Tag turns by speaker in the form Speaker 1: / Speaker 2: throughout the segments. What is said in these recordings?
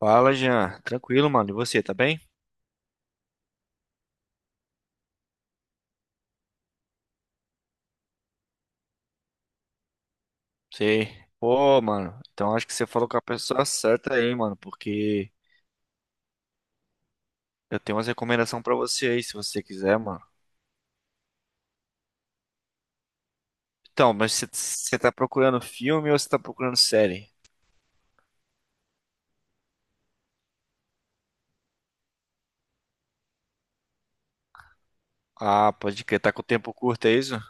Speaker 1: Fala, Jean. Tranquilo, mano. E você, tá bem? Sei. Pô, mano. Então acho que você falou com a pessoa certa aí, mano. Porque eu tenho umas recomendações pra você aí, se você quiser, mano. Então, mas você tá procurando filme ou você tá procurando série? Ah, pode crer. Tá com tempo curto, é isso?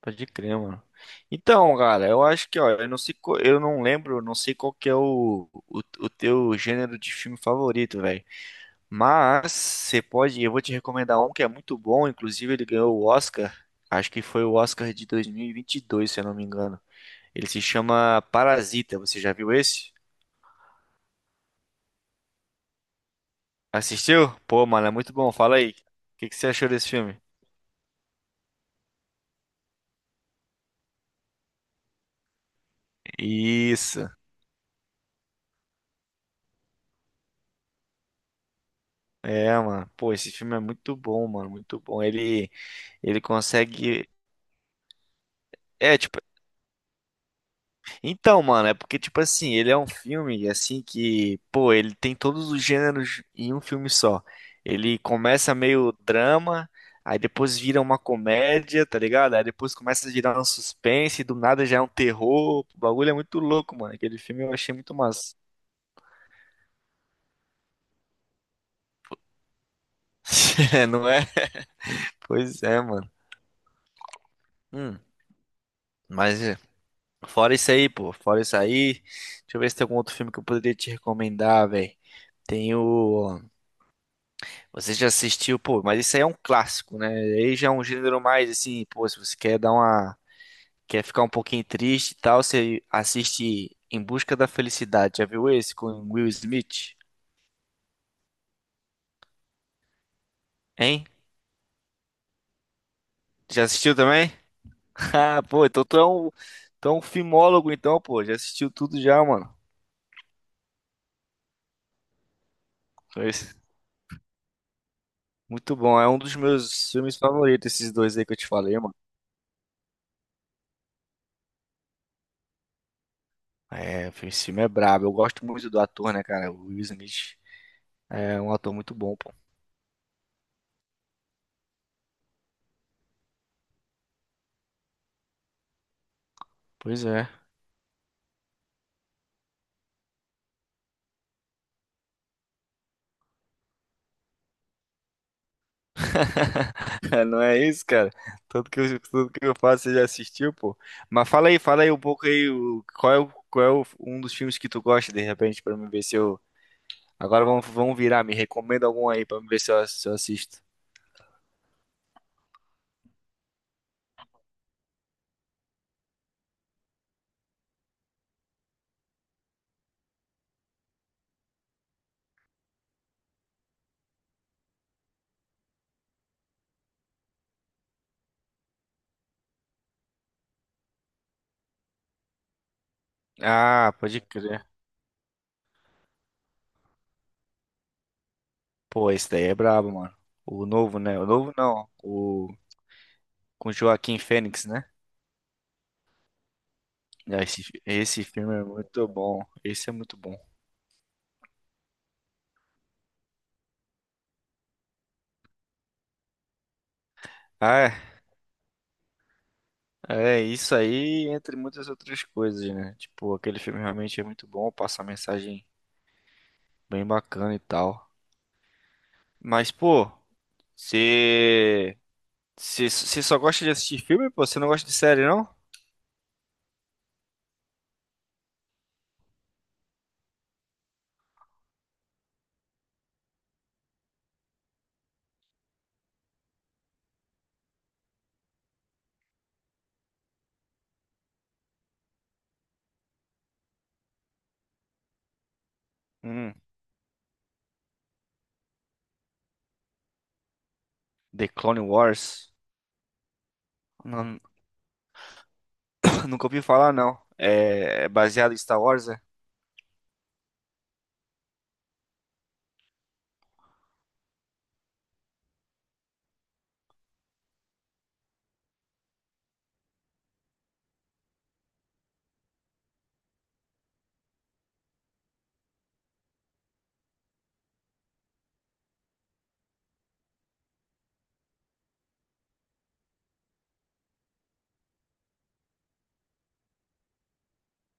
Speaker 1: Pode crer, mano. Então, cara, eu acho que, ó, eu não sei, eu não lembro, não sei qual que é o teu gênero de filme favorito, velho. Mas você pode, eu vou te recomendar um que é muito bom, inclusive ele ganhou o Oscar, acho que foi o Oscar de 2022, se eu não me engano. Ele se chama Parasita, você já viu esse? Assistiu? Pô, mano, é muito bom, fala aí. O que que você achou desse filme? Isso. É, mano. Pô, esse filme é muito bom, mano, muito bom. Ele consegue é tipo. Então, mano, é porque, tipo assim, ele é um filme, assim, que, pô, ele tem todos os gêneros em um filme só. Ele começa meio drama, aí depois vira uma comédia, tá ligado? Aí depois começa a virar um suspense, do nada já é um terror. O bagulho é muito louco, mano. Aquele filme eu achei muito massa. É, não é? Pois é, mano. Hum, mas é, fora isso aí, pô, fora isso aí, deixa eu ver se tem algum outro filme que eu poderia te recomendar, velho. Tem o. Você já assistiu, pô, mas isso aí é um clássico, né? Aí já é um gênero mais assim, pô, se você quer dar uma, quer ficar um pouquinho triste e tal, você assiste Em Busca da Felicidade. Já viu esse com Will Smith? Hein? Já assistiu também? Ah, pô, tu é um filmólogo então, pô, já assistiu tudo já, mano. Pois, muito bom, é um dos meus filmes favoritos esses dois aí que eu te falei, mano. É, esse filme é brabo. Eu gosto muito do ator, né, cara? O Will Smith é um ator muito bom, pô. Pois é. Não é isso, cara? Tudo que eu faço, você já assistiu, pô. Mas fala aí um pouco aí, qual é um dos filmes que tu gosta, de repente, pra me ver se eu... Agora vamos virar, me recomenda algum aí pra me ver se eu assisto. Ah, pode crer. Pô, esse daí é brabo, mano. O novo, né? O novo não, o... Com Joaquim Fênix, né? Ah, esse filme é muito bom. Esse é muito bom. Ah, é. É, isso aí, entre muitas outras coisas, né? Tipo, aquele filme realmente é muito bom, passa uma mensagem bem bacana e tal. Mas, pô, você. Você só gosta de assistir filme, pô? Você não gosta de série, não? Hum, The Clone Wars? Não, nunca ouvi falar, não. É, é baseado em Star Wars, é?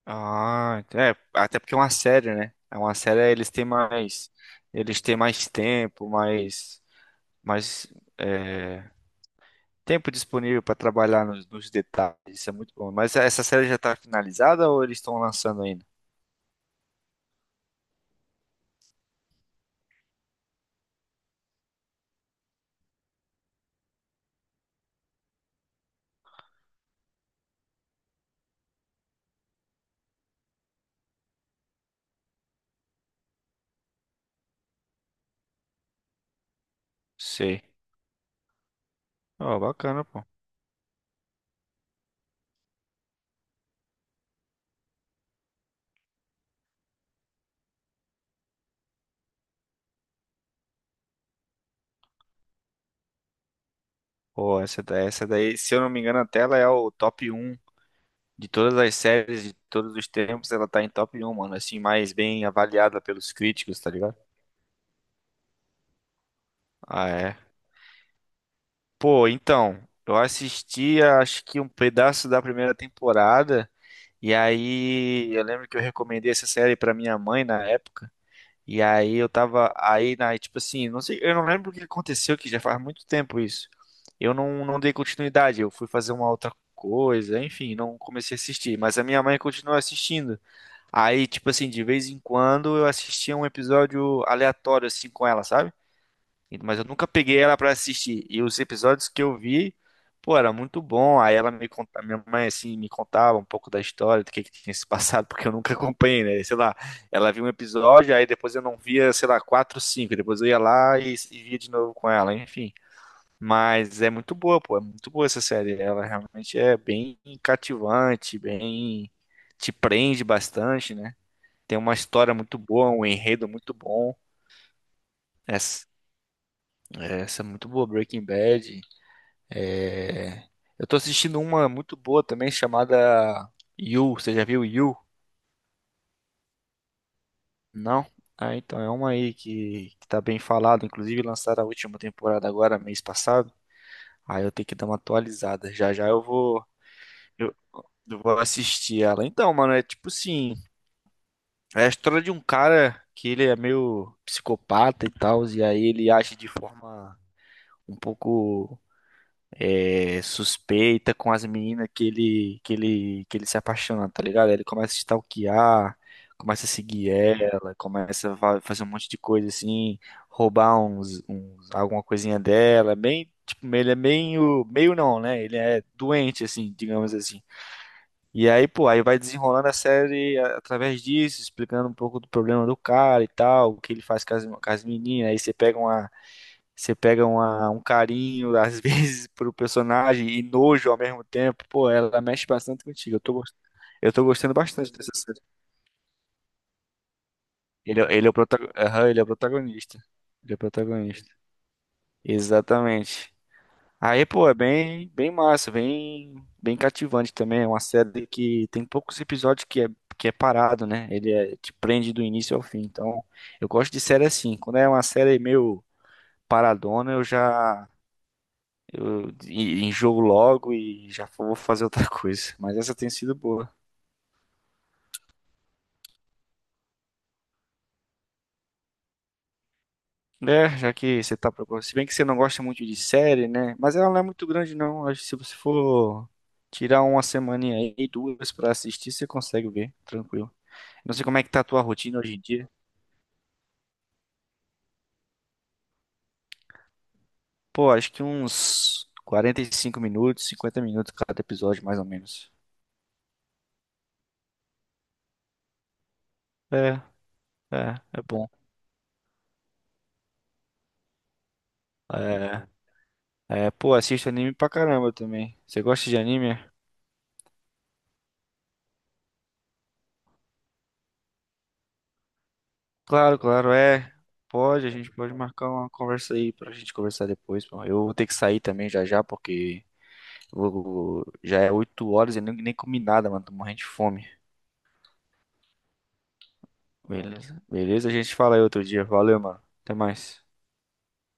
Speaker 1: Ah, então é, até porque é uma série, né? É uma série, eles têm mais. Eles têm mais tempo, mais. Mais. É. Tempo disponível para trabalhar nos detalhes, isso é muito bom. Mas é, essa série já tá finalizada ou eles estão lançando ainda? Sei. Ó, bacana, pô. Pô, essa daí, se eu não me engano, até ela é o top um de todas as séries de todos os tempos, ela tá em top um, mano, assim, mais bem avaliada pelos críticos, tá ligado? Ah, é. Pô, então, eu assisti acho que um pedaço da primeira temporada, e aí eu lembro que eu recomendei essa série pra minha mãe na época. E aí eu tava aí na, tipo assim, não sei, eu não lembro o que aconteceu, que já faz muito tempo isso. Eu não, não dei continuidade, eu fui fazer uma outra coisa, enfim, não comecei a assistir, mas a minha mãe continuou assistindo. Aí, tipo assim, de vez em quando eu assistia um episódio aleatório assim com ela, sabe? Mas eu nunca peguei ela pra assistir. E os episódios que eu vi, pô, era muito bom. Aí ela me contava, minha mãe assim me contava um pouco da história, do que tinha se passado, porque eu nunca acompanhei, né? Sei lá, ela viu um episódio, aí depois eu não via, sei lá, quatro, cinco. Depois eu ia lá e via de novo com ela, enfim. Mas é muito boa, pô, é muito boa essa série. Ela realmente é bem cativante, bem te prende bastante, né? Tem uma história muito boa, um enredo muito bom. Essa, essa é muito boa, Breaking Bad. É, eu tô assistindo uma muito boa também chamada You. Você já viu You? Não? Ah, então é uma aí que tá bem falada. Inclusive lançaram a última temporada agora, mês passado. Aí eu tenho que dar uma atualizada. Já já eu, eu vou assistir ela. Então, mano, é tipo assim, é a história de um cara que ele é meio psicopata e tal, e aí ele age de forma um pouco é, suspeita com as meninas que ele se apaixona, tá ligado? Aí ele começa a stalkear, começa a seguir ela, começa a fazer um monte de coisa assim, roubar alguma coisinha dela, bem, tipo, ele é meio, meio não, né? Ele é doente, assim, digamos assim. E aí, pô, aí vai desenrolando a série através disso, explicando um pouco do problema do cara e tal, o que ele faz com com as meninas, aí um carinho, às vezes, pro personagem e nojo ao mesmo tempo. Pô, ela mexe bastante contigo. Eu tô gostando bastante dessa série. Ele é o protagonista. Ele é o protagonista. Exatamente. Aí, pô, é bem, bem massa, bem, bem cativante também. É uma série que tem poucos episódios que é parado, né? Te prende do início ao fim. Então, eu gosto de série assim. Quando é uma série meio paradona, eu já enjoo logo e já vou fazer outra coisa. Mas essa tem sido boa. É, já que você tá procurando. Se bem que você não gosta muito de série, né? Mas ela não é muito grande, não. Acho que se você for tirar uma semaninha aí, duas pra assistir, você consegue ver, tranquilo. Não sei como é que tá a tua rotina hoje em dia. Pô, acho que uns 45 minutos, 50 minutos cada episódio, mais ou menos. É, é bom. É, pô, assisto anime pra caramba também. Você gosta de anime? Claro, claro, é. Pode, a gente pode marcar uma conversa aí pra gente conversar depois, pô. Eu vou ter que sair também já já, porque já é 8 horas e eu nem comi nada, mano. Tô morrendo de fome. Beleza? Beleza, a gente fala aí outro dia. Valeu, mano. Até mais.